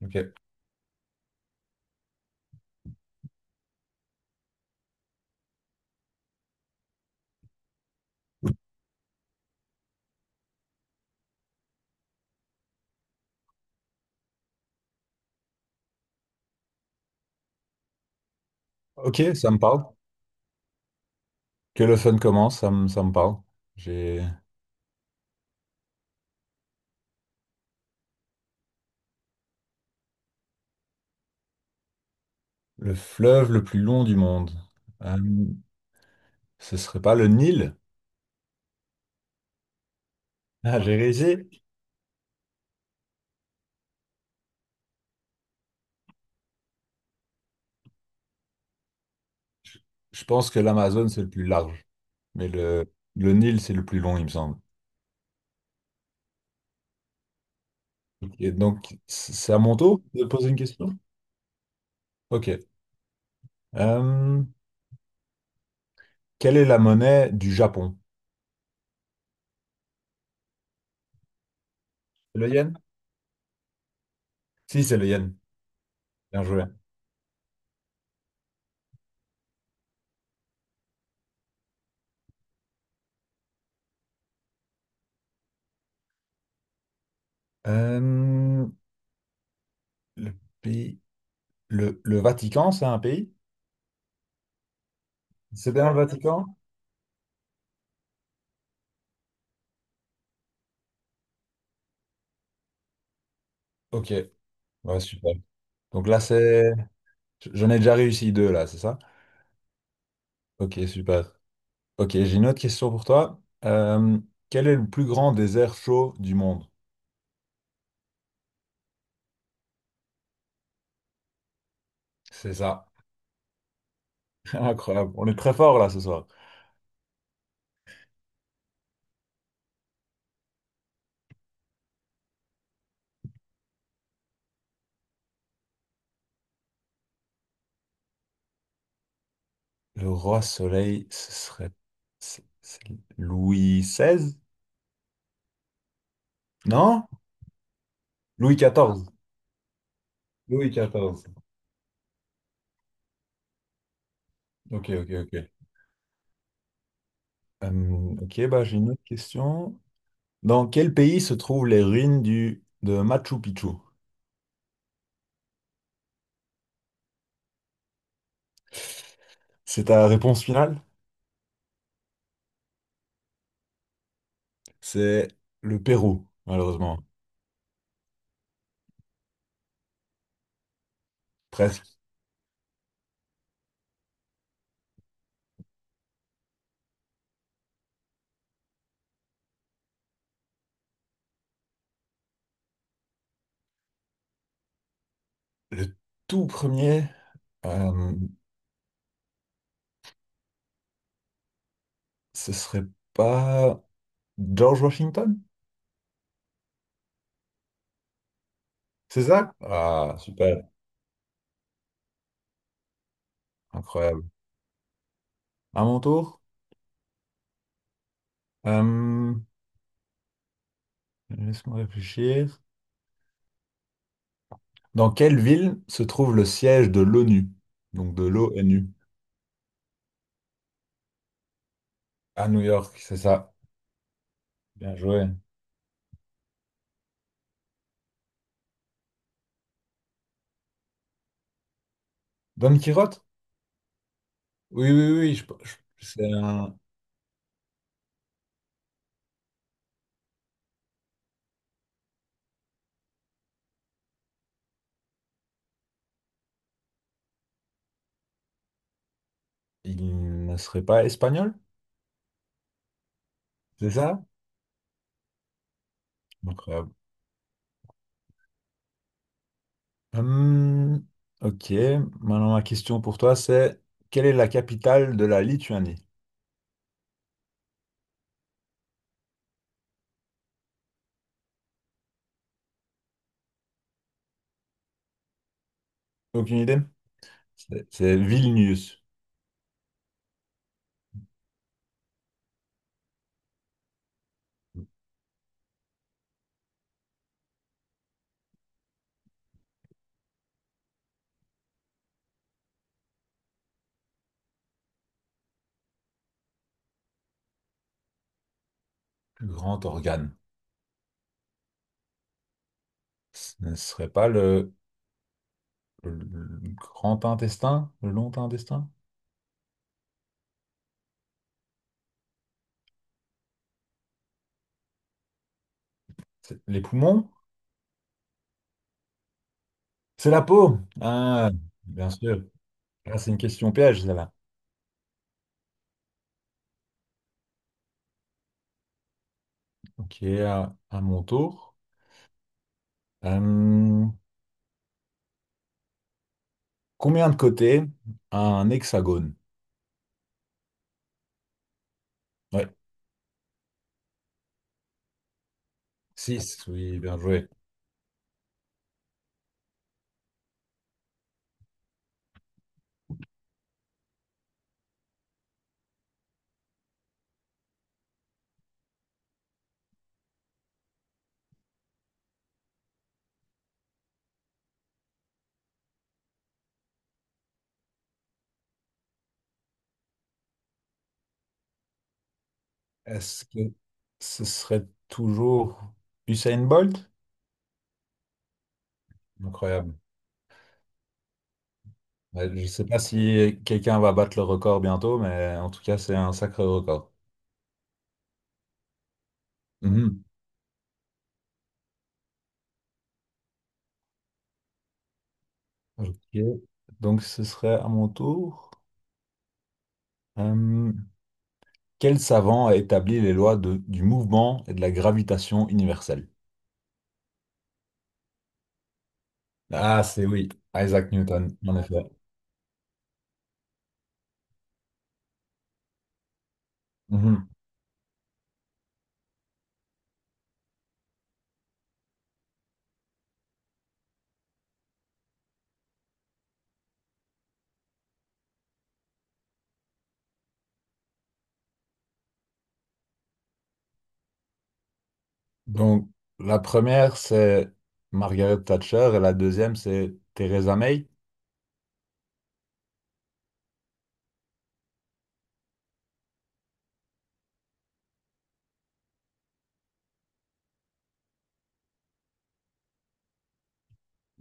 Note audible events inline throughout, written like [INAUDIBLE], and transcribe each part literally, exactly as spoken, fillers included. Ok, ok, ça me parle. Que le fun commence, ça me, ça me parle. J'ai le fleuve le plus long du monde. Euh, Ce serait pas le Nil? [LAUGHS] Ah, j'ai réussi. Je je pense que l'Amazone, c'est le plus large. Mais le, le Nil, c'est le plus long, il me semble. Et donc, c- c'est à mon tour de poser une question? Ok. Euh, Quelle est la monnaie du Japon? C'est le yen? Si, c'est le yen. Bien joué. Euh, Le pays, le, le Vatican, c'est un pays? C'est bien le Vatican? Ok, ouais, super. Donc là, c'est... J'en ai déjà réussi deux, là, c'est ça? Ok, super. Ok, j'ai une autre question pour toi. Euh, quel est le plus grand désert chaud du monde? C'est ça. [LAUGHS] Incroyable. On est très fort, là, ce soir. Le roi soleil, ce serait... c'est- c'est Louis seize? Non? Louis quatorze. Louis quatorze. Ok, ok, ok. Euh, ok, bah, j'ai une autre question. Dans quel pays se trouvent les ruines du, de Machu Picchu? C'est ta réponse finale? C'est le Pérou, malheureusement. Presque. Le tout premier, euh, ce serait pas George Washington? C'est ça? Ah, super, incroyable. À mon tour, euh, laisse-moi réfléchir. Dans quelle ville se trouve le siège de l'O N U? Donc de l'O N U. À New York, c'est ça. Bien joué. Don Quirote? Oui, oui, oui, je, je- c'est un, Il ne serait pas espagnol, c'est ça? Incroyable. Hum, ok, maintenant ma question pour toi, c'est quelle est la capitale de la Lituanie? Aucune idée? C'est c'est Vilnius, plus grand organe. Ce ne serait pas le, Le grand intestin, le long intestin? C'est- Les poumons? C'est la peau! Ah, bien sûr. Là, c'est une question piège, celle-là. Ok, à, à mon tour. Hum, combien de côtés a un hexagone? Ouais. Six, oui, bien joué. Est-ce que ce serait toujours Usain Bolt? Incroyable. Ouais, je ne sais pas si quelqu'un va battre le record bientôt, mais en tout cas, c'est un sacré record. Mhm. Ok. Donc, ce serait à mon tour. Euh, Quel savant a établi les lois de- du mouvement et de la gravitation universelle? Ah, c'est oui, Isaac Newton, en effet. Mhm. Donc, la première, c'est Margaret Thatcher et la deuxième, c'est Theresa May.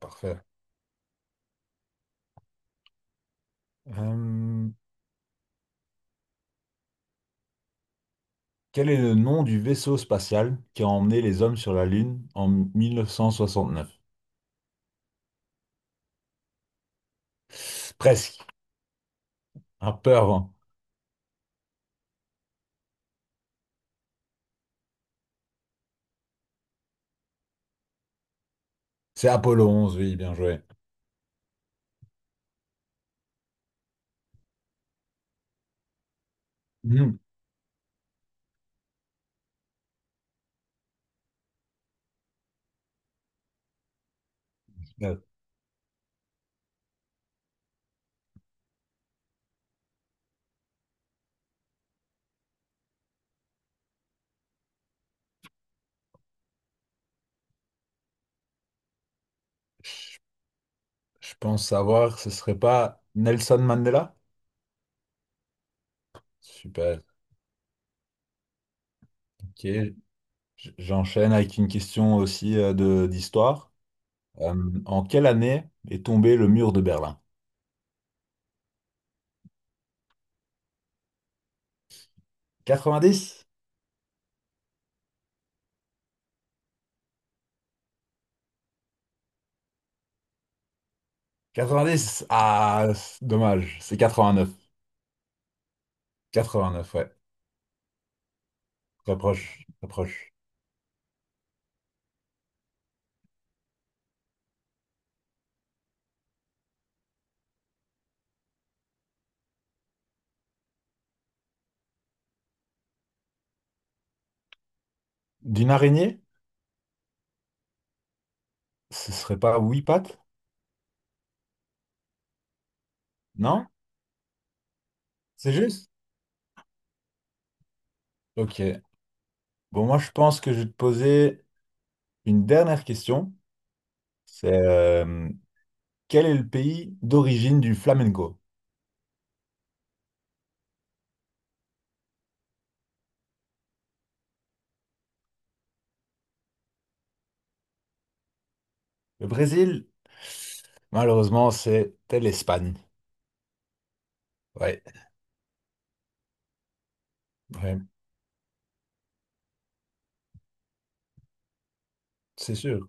Parfait. Euh, Quel est le nom du vaisseau spatial qui a emmené les hommes sur la Lune en mille neuf cent soixante-neuf? Presque, un peu avant. C'est Apollo onze, oui, bien joué. Mhm. Euh, Je je pense savoir, ce serait pas Nelson Mandela? Super. Ok, J- j'enchaîne avec une question aussi euh, de d'histoire. Euh, En quelle année est tombé le mur de Berlin? Quatre-vingt-dix. Quatre-vingt-dix. Ah, c'est dommage, c'est vingt neuf ouais. Très proche, très proche. D'une araignée? Ce serait pas huit pattes? Non? C'est juste? Ok. Bon, moi, je pense que je vais te poser une dernière question. C'est euh, quel est le pays d'origine du flamenco? Le Brésil, malheureusement, c'était l'Espagne. Ouais, ouais, c'est sûr.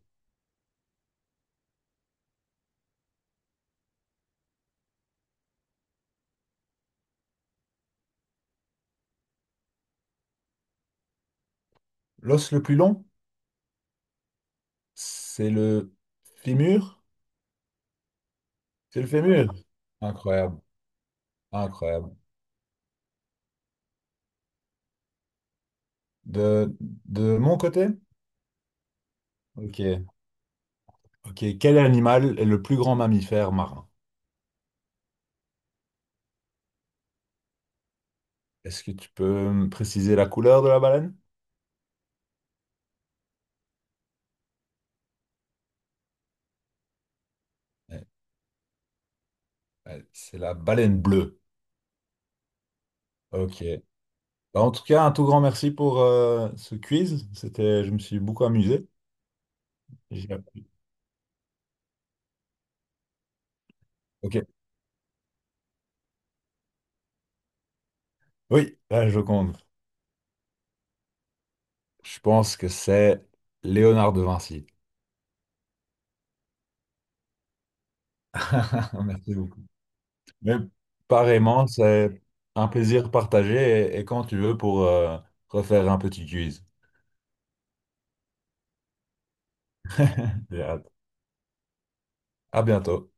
L'os le plus long, c'est le fémur. C'est le fémur. Incroyable, incroyable. De, de mon côté? Ok. Ok. Quel animal est le plus grand mammifère marin? Est-ce que tu peux me préciser la couleur de la baleine? Ouais, ouais, c'est la baleine bleue. Ok. Bah, en tout cas, un tout grand merci pour euh, ce quiz. C'était, je me suis beaucoup amusé. J'ai appris. Ok. Oui, là, je compte. Je pense que c'est Léonard de Vinci. [LAUGHS] Merci beaucoup. Mais pareillement, c'est un plaisir partagé et, et quand tu veux pour euh, refaire un petit quiz. J'ai hâte. À bientôt.